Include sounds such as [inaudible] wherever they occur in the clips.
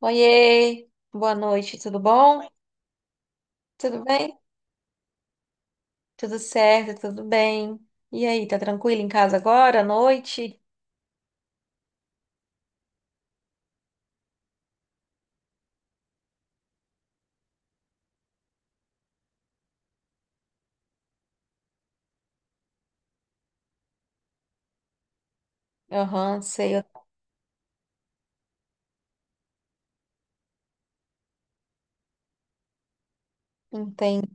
Oiê, boa noite, tudo bom? Tudo bem? Tudo certo, tudo bem. E aí, tá tranquilo em casa agora, à noite? Aham, sei, eu entendo.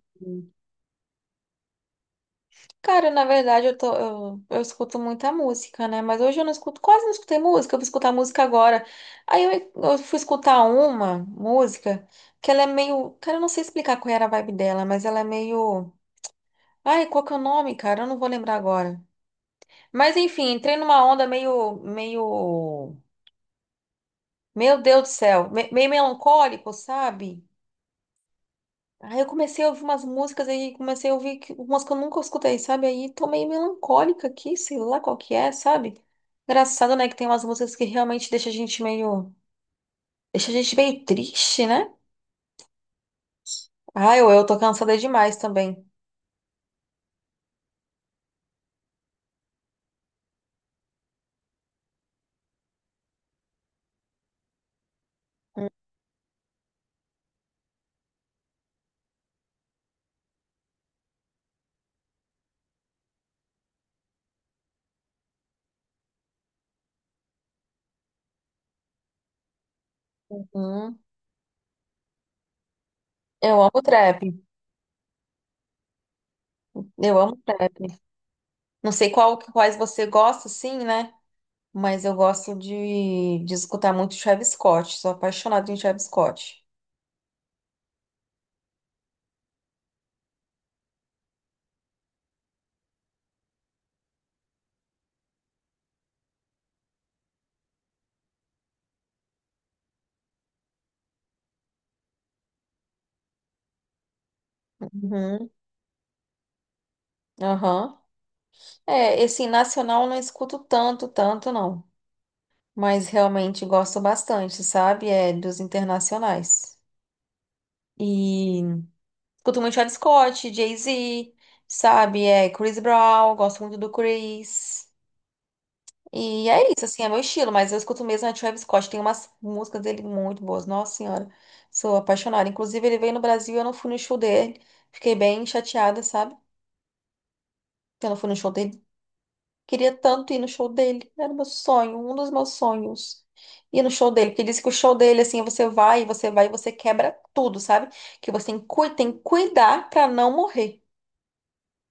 Cara, na verdade, eu escuto muita música, né? Mas hoje eu não escuto, quase não escutei música, eu vou escutar música agora. Aí eu fui escutar uma música que ela é meio. Cara, eu não sei explicar qual era a vibe dela, mas ela é meio. Ai, qual que é o nome, cara? Eu não vou lembrar agora. Mas enfim, entrei numa onda meio Meu Deus do céu, meio melancólico, sabe? Aí eu comecei a ouvir umas músicas aí, comecei a ouvir umas que eu nunca escutei, sabe? Aí tô meio melancólica aqui, sei lá qual que é, sabe? Engraçado, né, que tem umas músicas que realmente deixa a gente meio, deixa a gente meio triste, né? Ah, eu tô cansada demais também. Hum, eu amo trap. Eu amo trap. Não sei quais você gosta, sim, né? Mas eu gosto de escutar muito Travis Scott. Sou apaixonada em Travis Scott. Uhum, aham. É, esse nacional eu não escuto tanto, tanto não. Mas realmente gosto bastante, sabe? É dos internacionais. E escuto muito Travis Scott, Jay-Z, sabe? É Chris Brown, gosto muito do Chris. E é isso, assim, é meu estilo, mas eu escuto mesmo a Travis Scott. Tem umas músicas dele muito boas, nossa senhora. Sou apaixonada. Inclusive, ele veio no Brasil, e eu não fui no show dele. Fiquei bem chateada, sabe? Que eu não fui no show dele. Queria tanto ir no show dele. Era meu sonho, um dos meus sonhos. Ir no show dele, porque disse que o show dele, assim, você vai, você vai, você quebra tudo, sabe? Que você tem, tem que cuidar pra não morrer.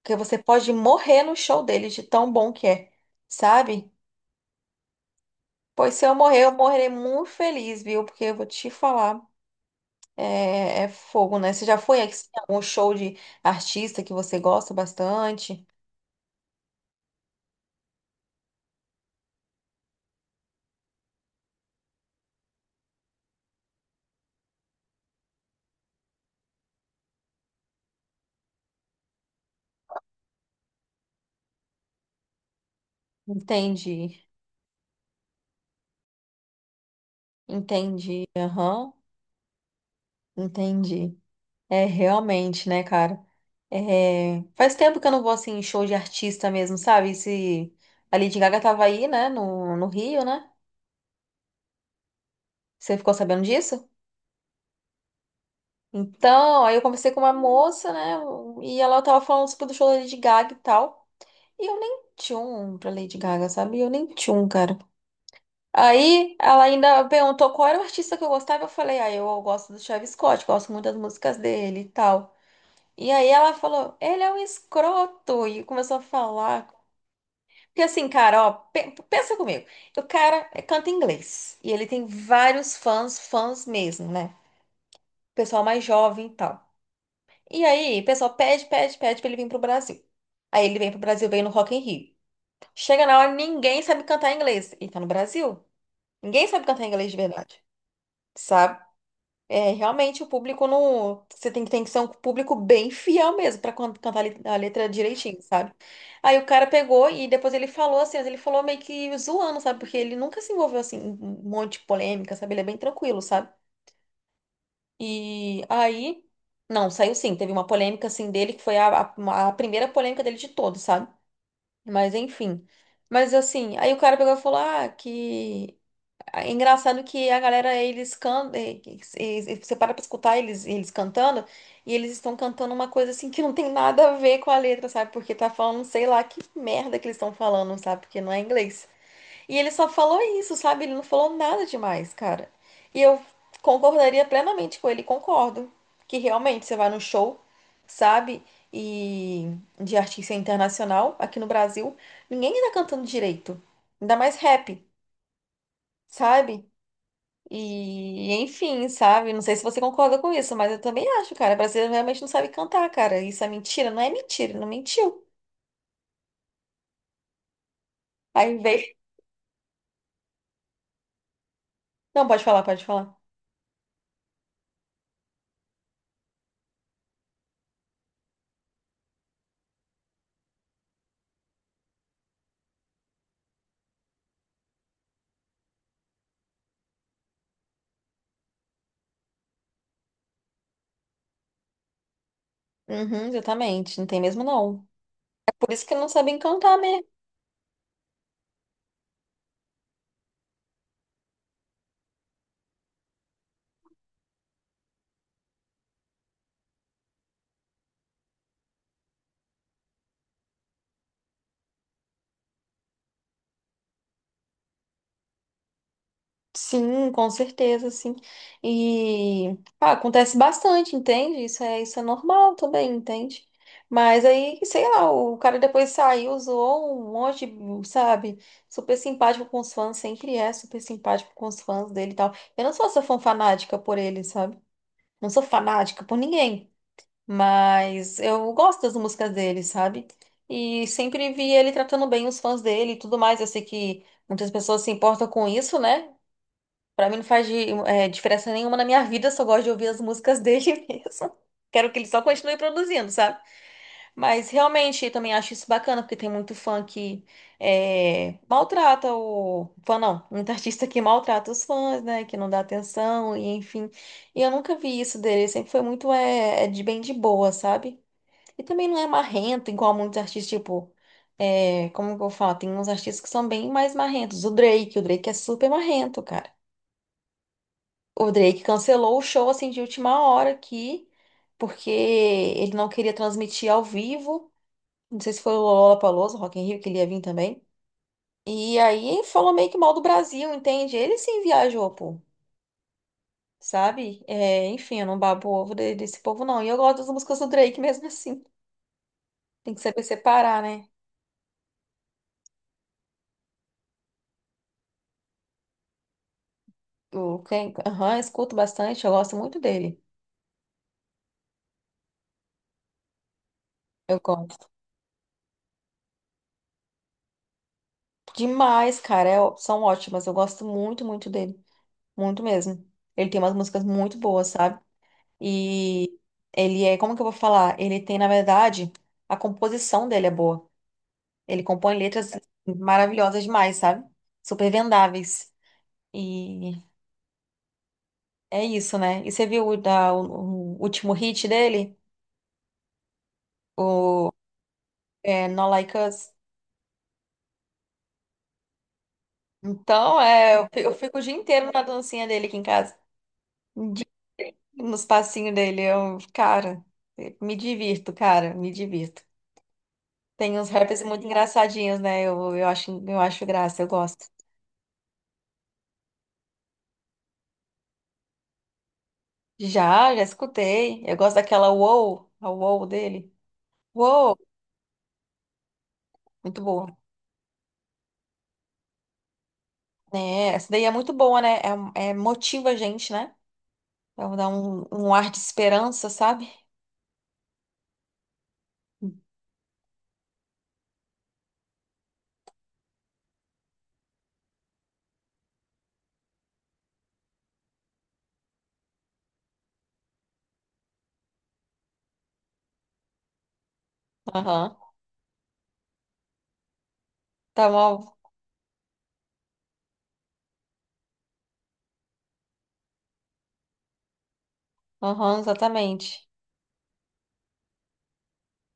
Porque você pode morrer no show dele, de tão bom que é, sabe? Pois se eu morrer, eu morrerei muito feliz, viu? Porque eu vou te falar, é fogo, né? Você já foi assim, a algum show de artista que você gosta bastante? Entendi, entendi, aham, entendi. É, realmente, né, cara? É, faz tempo que eu não vou, assim, em show de artista mesmo, sabe? Se a Lady Gaga tava aí, né, no Rio, né? Você ficou sabendo disso? Então, aí eu conversei com uma moça, né, e ela tava falando sobre o show da Lady Gaga e tal. E eu nem tchum pra Lady Gaga, sabe? Eu nem tchum, cara. Aí ela ainda perguntou qual era o artista que eu gostava. Eu falei, ah, eu gosto do Travis Scott, gosto muito das músicas dele e tal. E aí ela falou, ele é um escroto, e começou a falar. Porque assim, cara, ó, pensa comigo. O cara canta em inglês e ele tem vários fãs, fãs mesmo, né? Pessoal mais jovem e tal. E aí, o pessoal pede pra ele vir pro Brasil. Aí ele vem pro Brasil, vem no Rock in Rio. Chega na hora, ninguém sabe cantar inglês. Ele tá no Brasil. Ninguém sabe cantar inglês de verdade. É, realmente o público não. Você tem tem que ser um público bem [laughs] fiel mesmo pra cantar a letra direitinho, sabe? Aí o cara pegou e depois ele falou assim, mas ele falou meio que zoando, sabe? Porque ele nunca se envolveu assim em um monte de polêmica, sabe? Ele é bem tranquilo, sabe? E aí. Não, saiu sim. Teve uma polêmica assim dele que foi a primeira polêmica dele de todos, sabe? Mas enfim. Mas assim, aí o cara pegou e falou: ah, que. É engraçado que a galera, eles cantam, você para pra escutar eles, eles cantando, e eles estão cantando uma coisa assim que não tem nada a ver com a letra, sabe? Porque tá falando, sei lá, que merda que eles estão falando, sabe? Porque não é inglês. E ele só falou isso, sabe? Ele não falou nada demais, cara. E eu concordaria plenamente com ele, concordo. Que realmente você vai no show, sabe? E de artista internacional, aqui no Brasil, ninguém tá cantando direito. Ainda mais rap, sabe? E, enfim, sabe? Não sei se você concorda com isso, mas eu também acho, cara. Brasileiro realmente não sabe cantar, cara. Isso é mentira? Não é mentira, ele não mentiu. Aí veio. Não, pode falar, pode falar. Uhum, exatamente. Não tem mesmo, não. Por isso que não sabem cantar mesmo. Sim, com certeza, sim. E ah, acontece bastante, entende? Isso é normal também, entende? Mas aí, sei lá, o cara depois saiu, zoou um monte, sabe? Super simpático com os fãs, sempre é super simpático com os fãs dele e tal. Eu não sou essa fã fanática por ele, sabe? Não sou fanática por ninguém, mas eu gosto das músicas dele, sabe? E sempre vi ele tratando bem os fãs dele e tudo mais. Eu sei que muitas pessoas se importam com isso, né? Pra mim não faz diferença nenhuma na minha vida, eu só gosto de ouvir as músicas dele [laughs] mesmo. Quero que ele só continue produzindo, sabe? Mas realmente eu também acho isso bacana, porque tem muito fã que é, maltrata o. Fã não, muito artista que maltrata os fãs, né? Que não dá atenção, e enfim. E eu nunca vi isso dele, ele sempre foi muito é de bem de boa, sabe? E também não é marrento, igual muitos artistas, tipo. É, como que eu falo? Tem uns artistas que são bem mais marrentos. O Drake é super marrento, cara. O Drake cancelou o show assim de última hora aqui, porque ele não queria transmitir ao vivo. Não sei se foi o Lollapalooza, Rock in Rio, que ele ia vir também. E aí falou meio que mal do Brasil, entende? Ele sim viajou, pô, sabe? É, enfim, eu não babo ovo desse povo, não. E eu gosto das músicas do Drake mesmo [laughs] assim. Tem que saber separar, né? Eu quem, aham, escuto bastante, eu gosto muito dele. Eu gosto demais, cara. São ótimas. Eu gosto muito, muito dele. Muito mesmo. Ele tem umas músicas muito boas, sabe? E ele é, como que eu vou falar? Ele tem, na verdade, a composição dele é boa. Ele compõe letras maravilhosas demais, sabe? Super vendáveis. E é isso, né? E você viu o último hit dele? O Not Like Us? Então, é, eu fico o dia inteiro na dancinha dele aqui em casa. O Nos passinhos dele. Eu, cara, me divirto, cara, me divirto. Tem uns rappers muito engraçadinhos, né? Eu acho graça, eu gosto. Já escutei. Eu gosto daquela Wow, a Wow dele. Wow, muito boa. É, essa daí é muito boa, né? Motiva a gente, né? Então dá um ar de esperança, sabe? Aham. Tá bom. Aham, exatamente.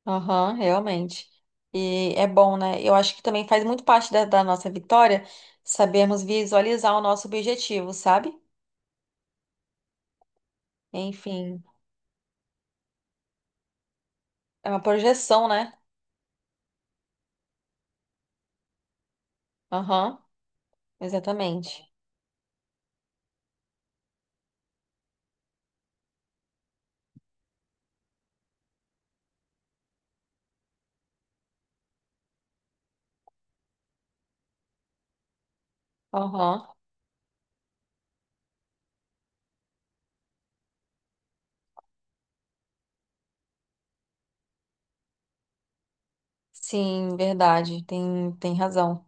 Aham, realmente. E é bom, né? Eu acho que também faz muito parte da nossa vitória sabermos visualizar o nosso objetivo, sabe? Enfim, é uma projeção, né? Aham, exatamente. Aham. Sim, verdade. Tem razão.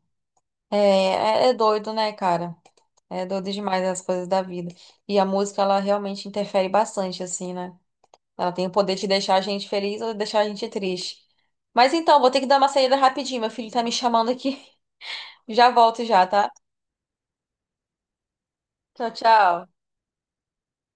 É doido, né, cara? É doido demais as coisas da vida. E a música, ela realmente interfere bastante, assim, né? Ela tem o poder de deixar a gente feliz ou deixar a gente triste. Mas então, vou ter que dar uma saída rapidinho. Meu filho tá me chamando aqui. [laughs] Já volto já, tá? Tchau, tchau.